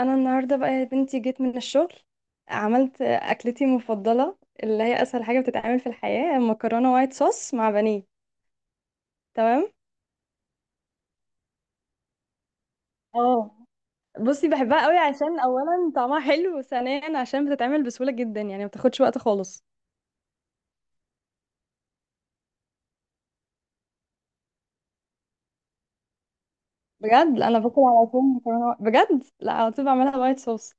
انا النهارده بقى يا بنتي جيت من الشغل. عملت اكلتي المفضله اللي هي اسهل حاجه بتتعمل في الحياه، مكرونه وايت صوص مع بانيه. تمام. اه. بصي، بحبها قوي عشان اولا طعمها حلو، وثانيا عشان بتتعمل بسهوله جدا، يعني ما بتاخدش وقت خالص. بجد لا، انا باكل على طول مكرونه، بجد لا، على طول بعملها وايت صوص.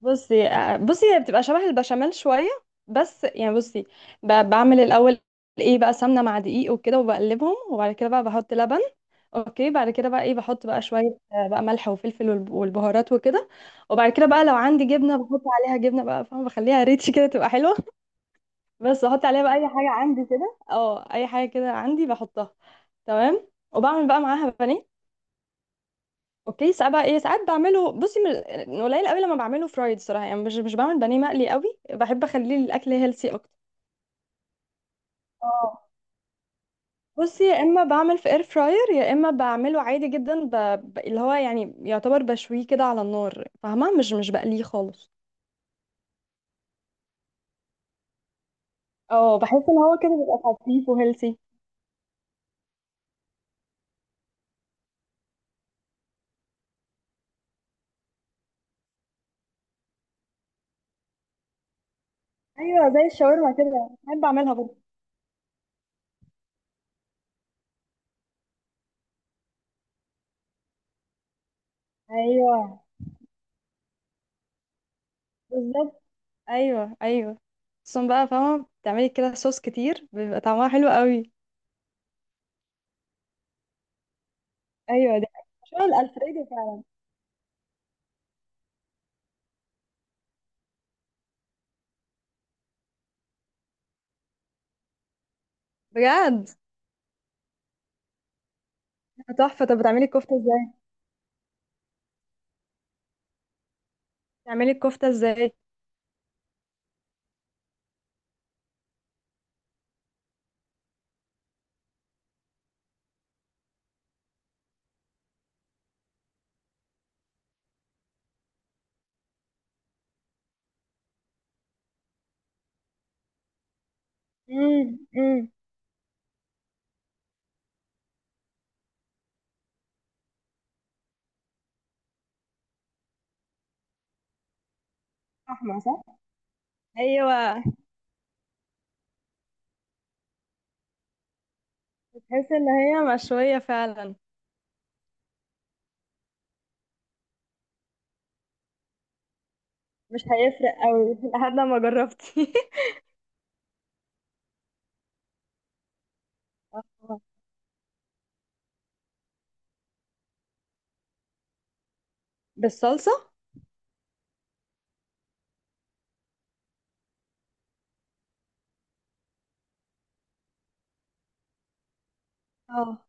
بصي، هي بتبقى شبه البشاميل شويه. بس يعني بصي، بعمل الاول ايه بقى، سمنه مع دقيق وكده وبقلبهم، وبعد كده بقى بحط لبن. اوكي، بعد كده بقى ايه، بحط بقى شويه، بقى ملح وفلفل والبهارات وكده. وبعد كده بقى لو عندي جبنه بحط عليها جبنه، بقى فاهمه، بخليها ريتش كده تبقى حلوه. بس بحط عليها بقى اي حاجه عندي كده، اي حاجه كده عندي بحطها. تمام. وبعمل بقى معاها بانيه. اوكي، ساعات بقى ايه، ساعات بعمله، بصي من قليل قوي لما بعمله فرايد، صراحه يعني مش بعمل بانيه مقلي قوي، بحب اخليه الاكل هيلسي اكتر. اه. بصي، يا اما بعمل في اير فراير يا اما بعمله عادي جدا، اللي هو يعني يعتبر بشويه كده على النار، فاهمه، مش بقليه خالص. اه. بحس ان هو كده بيبقى خفيف وهيلثي. ايوه، زي الشاورما كده بحب اعملها برضه. ايوه بالظبط. ايوه، ايوه. خصوصا بقى فاهمه بتعملي كده صوص كتير بيبقى طعمها حلو قوي. ايوه ده. شو الالفريدو. بجد. تحفة. طب بتعملي الكفتة ازاي؟ بتعملي الكفتة ازاي؟ امم امم فاهمة صح؟ ايوه. تحس ان هي مشوية فعلا. مش هيفرق قوي لحد ما جربتي. آه. بالصلصة. آه.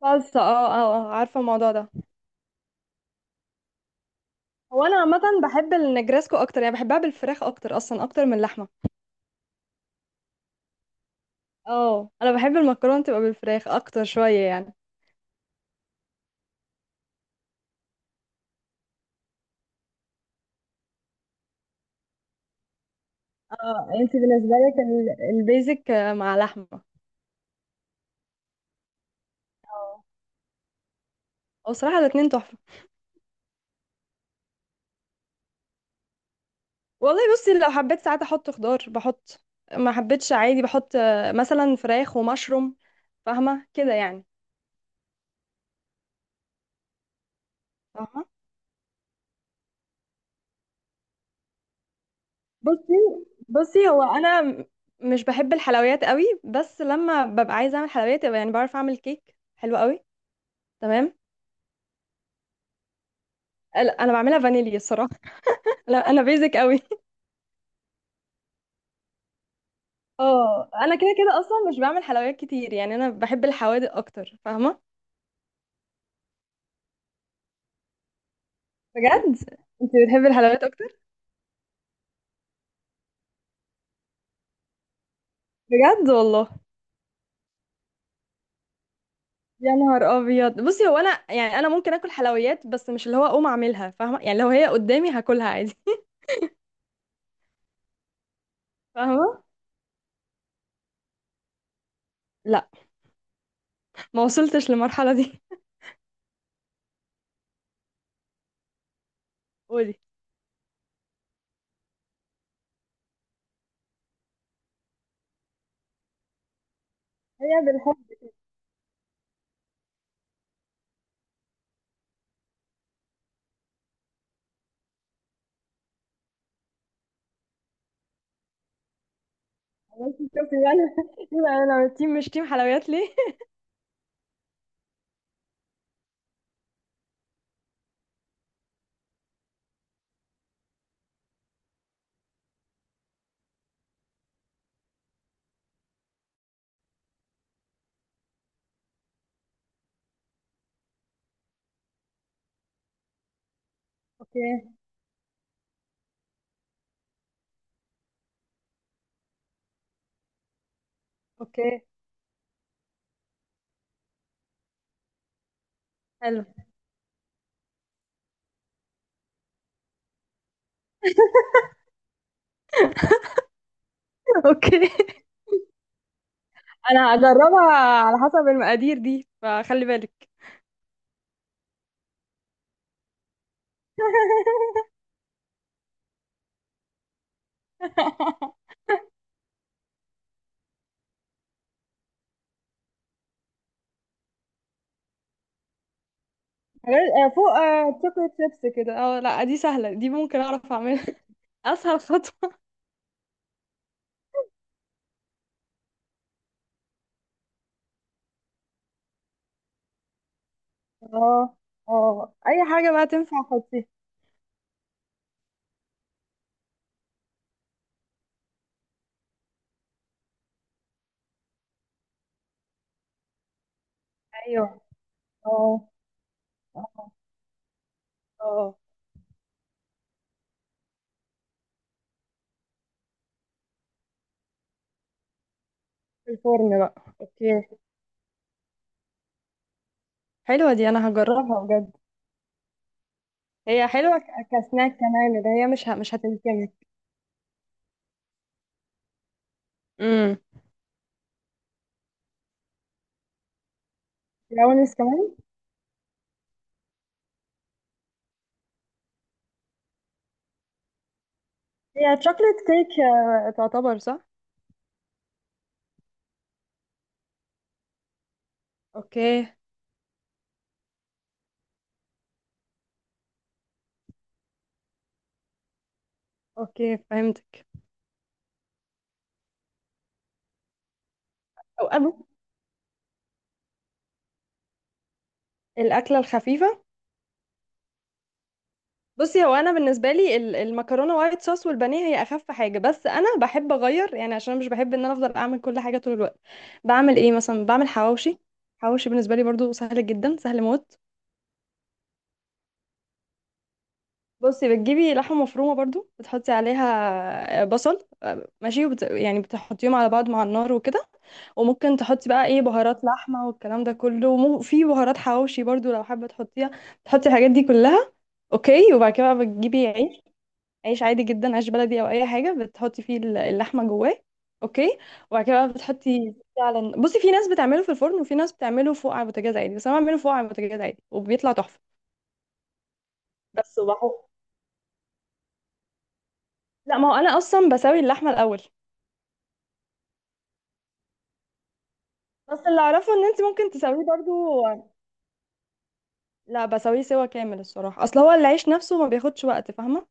صلصة. عارفة الموضوع ده. هو انا عامة بحب النجرسكو اكتر، يعني بحبها بالفراخ اكتر اصلا اكتر من اللحمة. اه، انا بحب المكرونة تبقى بالفراخ اكتر شوية يعني. اه، انت بالنسبة لك البيزك، مع لحمة. آه. هو صراحة الاتنين تحفة. والله بصي لو حبيت ساعات احط خضار بحط. ما حبيتش عادي، بحط مثلا فراخ ومشروم. فاهمه كده يعني. فاهمه. بصي. بصي هو انا مش بحب الحلويات قوي، بس لما ببقى عايزه اعمل حلويات يبقى يعني بعرف اعمل كيك حلو قوي. تمام. لا، انا بعملها فانيليا الصراحه. انا بيزك قوي. اه، انا كده كده اصلا مش بعمل حلويات كتير، يعني انا بحب الحوادق اكتر فاهمه. بجد. انت بتحبي الحلويات اكتر؟ بجد والله. يا نهار ابيض. بصي هو انا يعني انا ممكن اكل حلويات، بس مش اللي هو اقوم اعملها فاهمه، يعني لو هي قدامي هاكلها عادي. فاهمه. لا. ما وصلتش للمرحله دي. قولي. هي بالحب. بس شوفي يعني. يبقى انا تيم مش تيم حلويات ليه. اوكي. اوكي حلو. اوكي، انا هجربها. على حسب المقادير دي فخلي بالك. فوق، شوكليت شيبس كده. اه لا، دي سهله، دي ممكن اعرف اعملها. اسهل خطوه. اه. اه، اي حاجه بقى تنفع حطيها. ايوه. اه، اه، اه. في الفرن بقى. اوكي. حلوه دي، انا هجربها بجد. هي حلوه كسناك كمان، اللي هي مش هتلكمك. امم. براونيز كمان. هي تشوكلت كيك، تعتبر صح. اوكي. اوكي فهمتك. او أبو. الاكله الخفيفه. بصي هو انا بالنسبه لي المكرونه وايت صوص والبانيه هي اخف حاجه، بس انا بحب اغير يعني عشان أنا مش بحب ان انا افضل اعمل كل حاجه طول الوقت. بعمل ايه مثلا؟ بعمل حواوشي. حواوشي بالنسبه لي برضو سهل جدا، سهل موت. بصي بتجيبي لحمه مفرومه برضو، بتحطي عليها بصل، ماشي، يعني بتحطيهم على بعض مع النار وكده. وممكن تحطي بقى ايه بهارات لحمه والكلام ده كله، وفي بهارات حواوشي برضو لو حابه تحطيها، تحطي الحاجات دي كلها. اوكي، وبعد كده بقى بتجيبي عيش. عيش عادي جدا، عيش بلدي او اي حاجه، بتحطي فيه اللحمه جواه. اوكي. وبعد كده بقى بتحطي فعلا، بصي في ناس بتعمله في الفرن وفي ناس بتعمله فوق على البوتاجاز عادي، بس انا بعمله فوق على البوتاجاز عادي وبيطلع تحفه. بس وبحط. لا، ما هو انا اصلا بسوي اللحمه الاول. بس اللي اعرفه ان انت ممكن تسويه برضو. لا، بسويه سوا كامل الصراحه، اصل هو العيش نفسه ما بياخدش وقت فاهمه.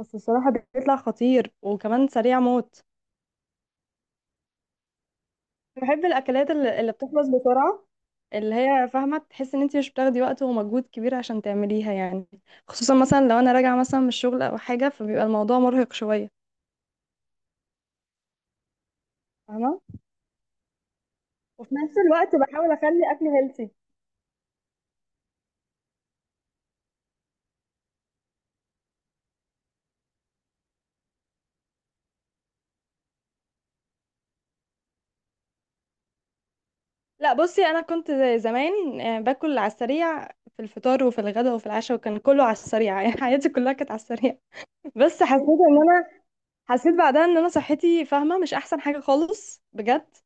بس الصراحه بيطلع خطير وكمان سريع موت. بحب الاكلات اللي بتخلص بسرعه، اللي هي فاهمه، تحس ان انت مش بتاخدي وقت ومجهود كبير عشان تعمليها يعني. خصوصا مثلا لو انا راجعه مثلا من الشغل او حاجه، فبيبقى الموضوع مرهق شويه. فاهمه. وفي نفس الوقت بحاول اخلي اكلي هيلثي. لا بصي، انا كنت زي زمان باكل على السريع في الفطار وفي الغداء وفي العشاء، وكان كله على السريع. يعني حياتي كلها كانت على السريع. بس حسيت ان انا، حسيت بعدها ان انا صحتي فاهمه مش احسن حاجه خالص بجد.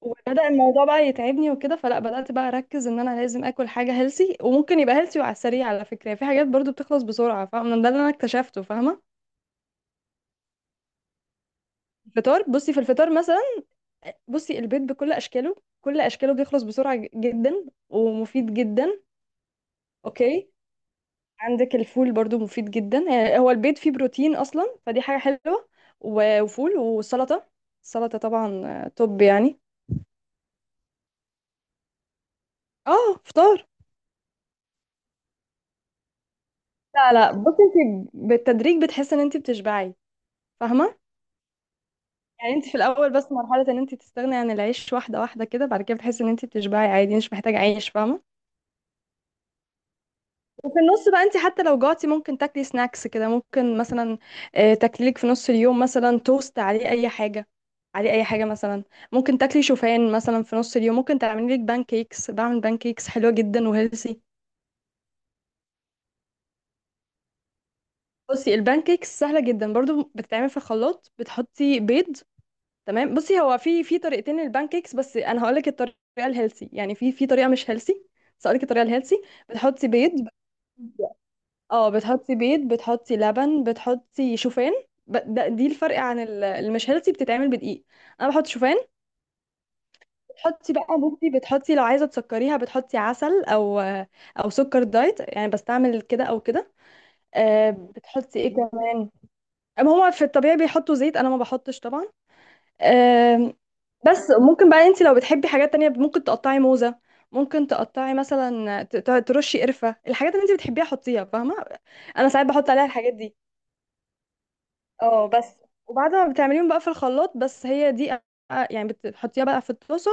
وبدأ الموضوع بقى يتعبني وكده، فلا بدأت بقى اركز ان انا لازم اكل حاجة هيلسي، وممكن يبقى هيلسي وعلى السريع على فكرة، يعني في حاجات برضو بتخلص بسرعة فاهمة، ده اللي انا اكتشفته فاهمة. الفطار، بصي في الفطار مثلا، بصي البيض بكل اشكاله، كل اشكاله بيخلص بسرعة جدا، ومفيد جدا. اوكي. عندك الفول برضو مفيد جدا، يعني هو البيض فيه بروتين اصلا فدي حاجة حلوة. وفول وسلطة. السلطة طبعا، توب يعني. اه، فطار. لا، لا بصي، انت بالتدريج بتحسي ان انت بتشبعي. فاهمة. يعني انت في الاول بس مرحله ان انت تستغني عن العيش، واحده واحده كده، بعد كده بتحسي ان انت بتشبعي عادي، مش محتاجه عيش فاهمه. وفي النص بقى، انت حتى لو جعتي ممكن تاكلي سناكس كده، ممكن مثلا تاكلي لك في نص اليوم مثلا توست عليه اي حاجه، عليه اي حاجه مثلا. ممكن تاكلي شوفان مثلا في نص اليوم، ممكن تعملي لك بان كيكس، بعمل بان كيكس حلوه جدا وهيلثي. بصي البان كيكس سهله جدا برضو، بتتعمل في الخلاط، بتحطي بيض. تمام. بصي هو في طريقتين للبان كيكس، بس انا هقول لك الطريقه الهيلسي، يعني في طريقه مش هيلسي، بس هقول لك الطريقه الهيلسي. بتحطي بيض. بت- اه، بتحطي بيض، بتحطي لبن، بتحطي شوفان. ب- ده دي الفرق عن المش هيلسي، بتتعمل بدقيق. انا بحط شوفان. بتحطي بقى، بصي بتحطي لو عايزه تسكريها بتحطي عسل، او سكر دايت، يعني بستعمل كده او كده. بتحطي ايه كمان. أما هما في الطبيعي بيحطوا زيت، انا ما بحطش طبعا. آمم، بس ممكن بقى انت لو بتحبي حاجات تانية ممكن تقطعي موزة، ممكن تقطعي مثلا، ترشي قرفة، الحاجات اللي انت بتحبيها حطيها فاهمة. انا ساعات بحط عليها الحاجات دي. اه بس. وبعد ما بتعمليهم بقى في الخلاط بس هي دي، يعني بتحطيها بقى في الطاسة،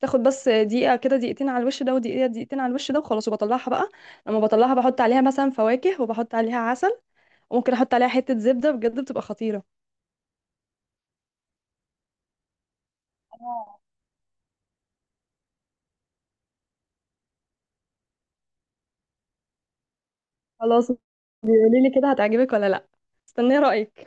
تاخد بس دقيقة كده، دقيقتين على الوش ده ودقيقة دقيقتين على الوش ده، وخلاص وبطلعها بقى. لما بطلعها بحط عليها مثلا فواكه وبحط عليها عسل، وممكن احط عليها حتة زبدة بجد بتبقى خطيرة. اه خلاص. بيقولي لي كده هتعجبك ولا لا. استني رأيك.